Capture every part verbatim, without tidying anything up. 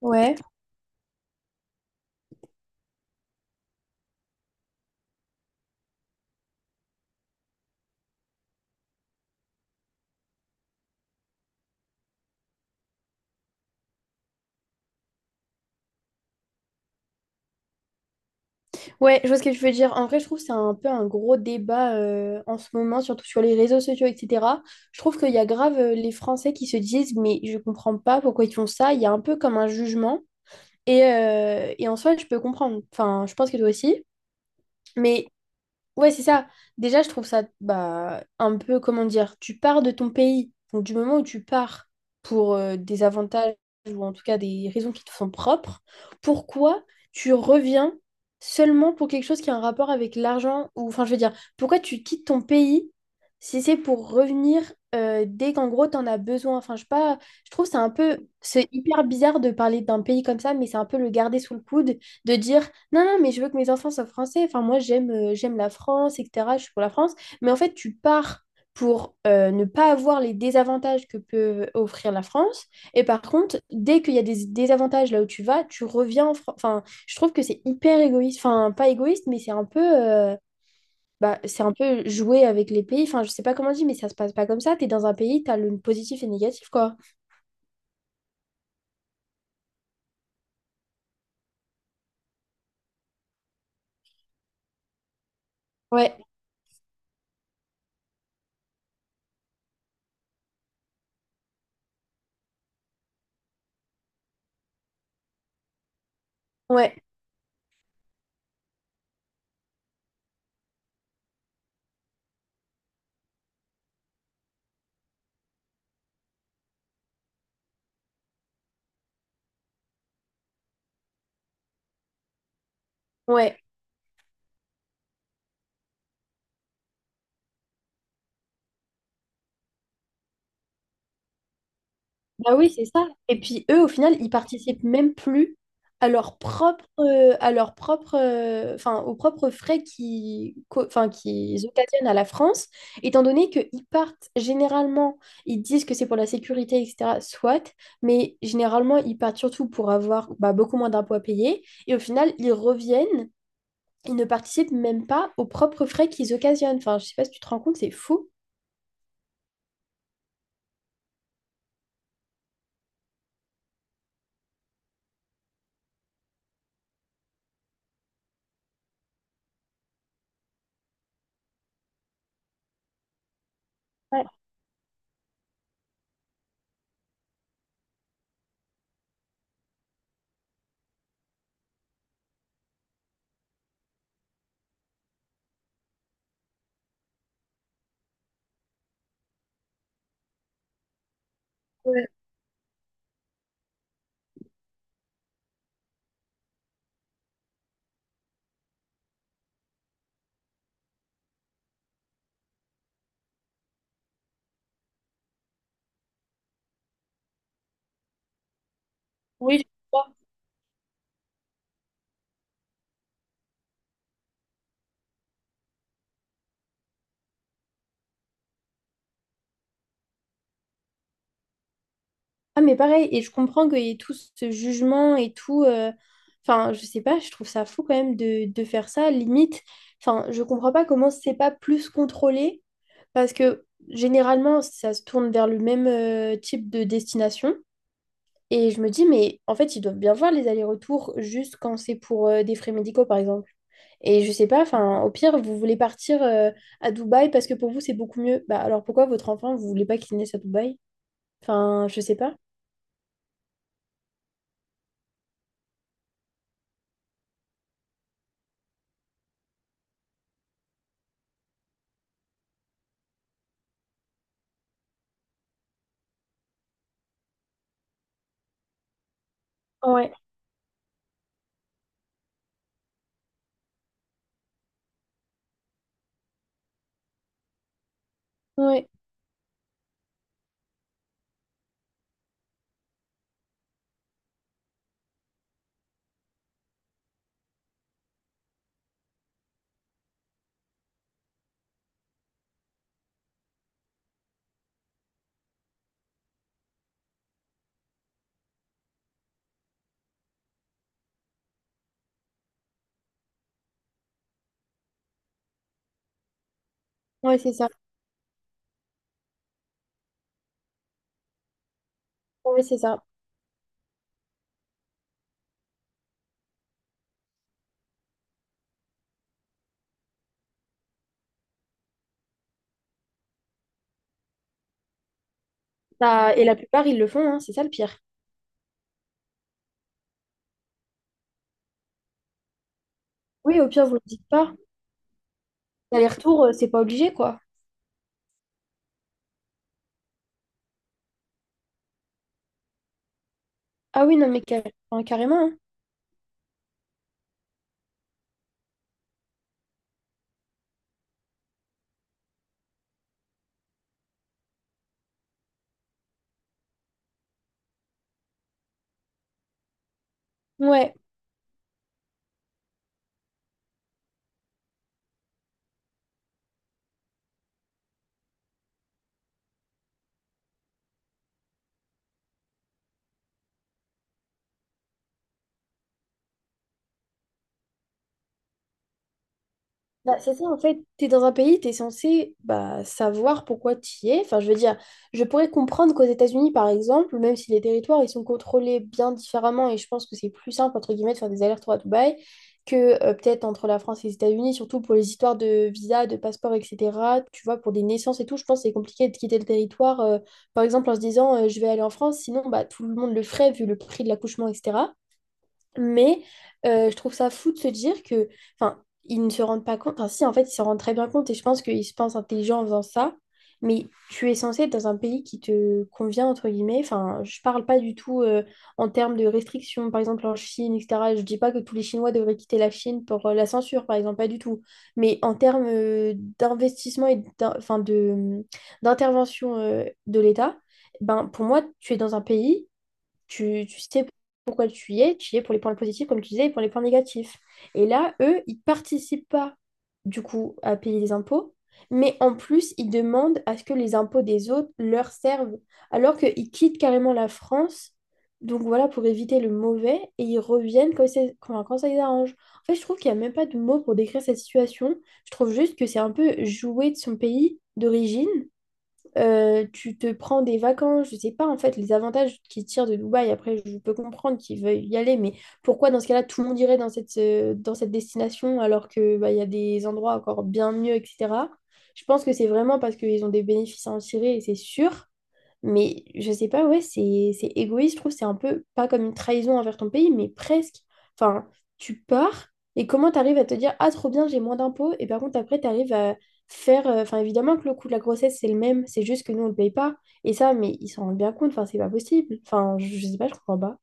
Ouais, ouais, je vois ce que tu veux dire. En vrai, je trouve que c'est un peu un gros débat euh, en ce moment, surtout sur les réseaux sociaux, et cetera. Je trouve qu'il y a grave euh, les Français qui se disent, mais je comprends pas pourquoi ils font ça. Il y a un peu comme un jugement. Et, euh, et en soi, je peux comprendre. Enfin, je pense que toi aussi. Mais ouais, c'est ça. Déjà, je trouve ça bah, un peu, comment dire, tu pars de ton pays. Donc, du moment où tu pars pour euh, des avantages ou en tout cas des raisons qui te sont propres, pourquoi tu reviens seulement pour quelque chose qui a un rapport avec l'argent ou, enfin, je veux dire, pourquoi tu quittes ton pays si c'est pour revenir euh, dès qu'en gros, t'en as besoin. Enfin, je sais pas, je trouve c'est un peu, c'est hyper bizarre de parler d'un pays comme ça, mais c'est un peu le garder sous le coude, de dire, non, non, mais je veux que mes enfants soient français. Enfin, moi, j'aime euh, j'aime la France, et cetera. Je suis pour la France. Mais en fait, tu pars pour euh, ne pas avoir les désavantages que peut offrir la France. Et par contre, dès qu'il y a des désavantages là où tu vas, tu reviens en France. Enfin, je trouve que c'est hyper égoïste. Enfin, pas égoïste, mais c'est un peu, euh, bah, c'est un peu jouer avec les pays. Enfin, je sais pas comment on dit, mais ça se passe pas comme ça. T'es dans un pays, t'as le positif et le négatif, quoi. Ouais, ouais, ouais. Bah oui, c'est ça. Et puis eux, au final, ils participent même plus à leur propre, euh, à leur propre, euh, enfin, aux propres frais qui, qu'au- enfin, qu'ils occasionnent à la France, étant donné qu'ils partent généralement, ils disent que c'est pour la sécurité, et cetera. Soit, mais généralement, ils partent surtout pour avoir bah, beaucoup moins d'impôts à payer. Et au final, ils reviennent, ils ne participent même pas aux propres frais qu'ils occasionnent. Enfin, je sais pas si tu te rends compte, c'est fou. Ouais. Oui, je vois. Ah, mais pareil, et je comprends qu'il y ait tout ce jugement et tout. euh, Enfin, je sais pas, je trouve ça fou quand même de, de faire ça, limite. Enfin, je comprends pas comment c'est pas plus contrôlé, parce que généralement, ça se tourne vers le même euh, type de destination. Et je me dis, mais en fait, ils doivent bien voir les allers-retours juste quand c'est pour euh, des frais médicaux, par exemple. Et je sais pas, enfin, au pire, vous voulez partir euh, à Dubaï parce que pour vous, c'est beaucoup mieux. Bah alors pourquoi votre enfant, vous voulez pas qu'il naisse à Dubaï? Enfin, je sais pas. Ouais, ouais, ouais, c'est ça. Ouais, c'est ça. Bah, et la plupart, ils le font, hein, c'est ça le pire. Oui, au pire, vous le dites pas. L'aller-retour, euh, c'est pas obligé, quoi. Ah oui, non, mais carré- enfin, carrément, hein. Ouais. Bah, c'est ça, en fait, tu es dans un pays, tu es censé bah, savoir pourquoi tu y es. Enfin, je veux dire, je pourrais comprendre qu'aux États-Unis, par exemple, même si les territoires, ils sont contrôlés bien différemment, et je pense que c'est plus simple, entre guillemets, de faire des allers-retours à Dubaï, que euh, peut-être entre la France et les États-Unis, surtout pour les histoires de visa, de passeport, et cetera. Tu vois, pour des naissances et tout, je pense que c'est compliqué de quitter le territoire, euh, par exemple, en se disant, euh, je vais aller en France, sinon, bah, tout le monde le ferait, vu le prix de l'accouchement, et cetera. Mais euh, je trouve ça fou de se dire que, enfin, ils ne se rendent pas compte. Enfin, si, en fait, ils se rendent très bien compte et je pense qu'ils se pensent intelligents en faisant ça. Mais tu es censé être dans un pays qui te convient, entre guillemets. Enfin, je parle pas du tout euh, en termes de restrictions, par exemple en Chine, et cetera. Je dis pas que tous les Chinois devraient quitter la Chine pour euh, la censure, par exemple, pas du tout. Mais en termes euh, d'investissement et d'in- enfin, de, d'intervention euh, de l'État, ben, pour moi, tu es dans un pays tu, tu sais pourquoi tu y es, tu y es pour les points positifs, comme tu disais, et pour les points négatifs. Et là, eux, ils participent pas, du coup, à payer les impôts, mais en plus, ils demandent à ce que les impôts des autres leur servent, alors qu'ils quittent carrément la France, donc voilà, pour éviter le mauvais, et ils reviennent quand, c'est- quand, quand ça les arrange. En fait, je trouve qu'il n'y a même pas de mots pour décrire cette situation. Je trouve juste que c'est un peu jouer de son pays d'origine euh, tu te prends des vacances, je sais pas en fait les avantages qu'ils tirent de Dubaï. Après, je peux comprendre qu'ils veulent y aller, mais pourquoi dans ce cas-là tout le monde irait dans cette, euh, dans cette destination alors que bah, il y a des endroits encore bien mieux, et cetera. Je pense que c'est vraiment parce qu'ils ont des bénéfices à en tirer et c'est sûr. Mais je sais pas, ouais, c'est c'est égoïste, je trouve, c'est un peu pas comme une trahison envers ton pays, mais presque. Enfin, tu pars et comment t'arrives à te dire, ah, trop bien, j'ai moins d'impôts, et par contre, après, t'arrives à faire. euh, Enfin, évidemment que le coût de la grossesse, c'est le même, c'est juste que nous, on le paye pas. Et ça, mais ils s'en rendent bien compte, enfin, c'est pas possible. Enfin, je, je sais pas, je comprends pas.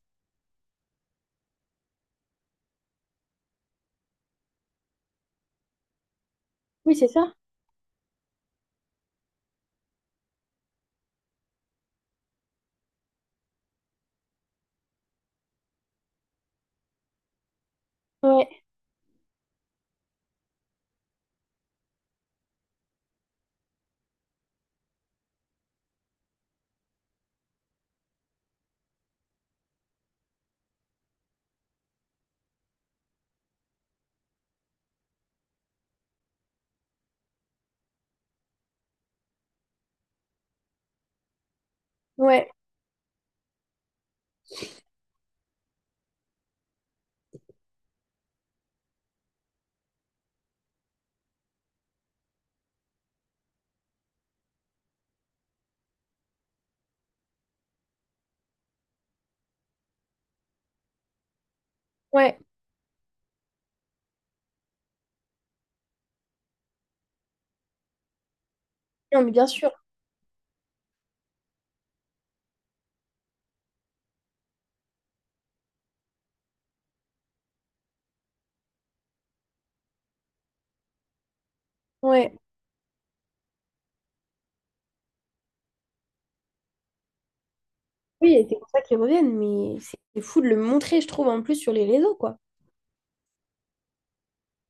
Oui, c'est ça. Ouais, ouais, ouais. Non, mais bien sûr. Ouais. Oui, et c'est pour ça qu'ils reviennent, mais c'est c'est fou de le montrer, je trouve, en plus sur les réseaux, quoi.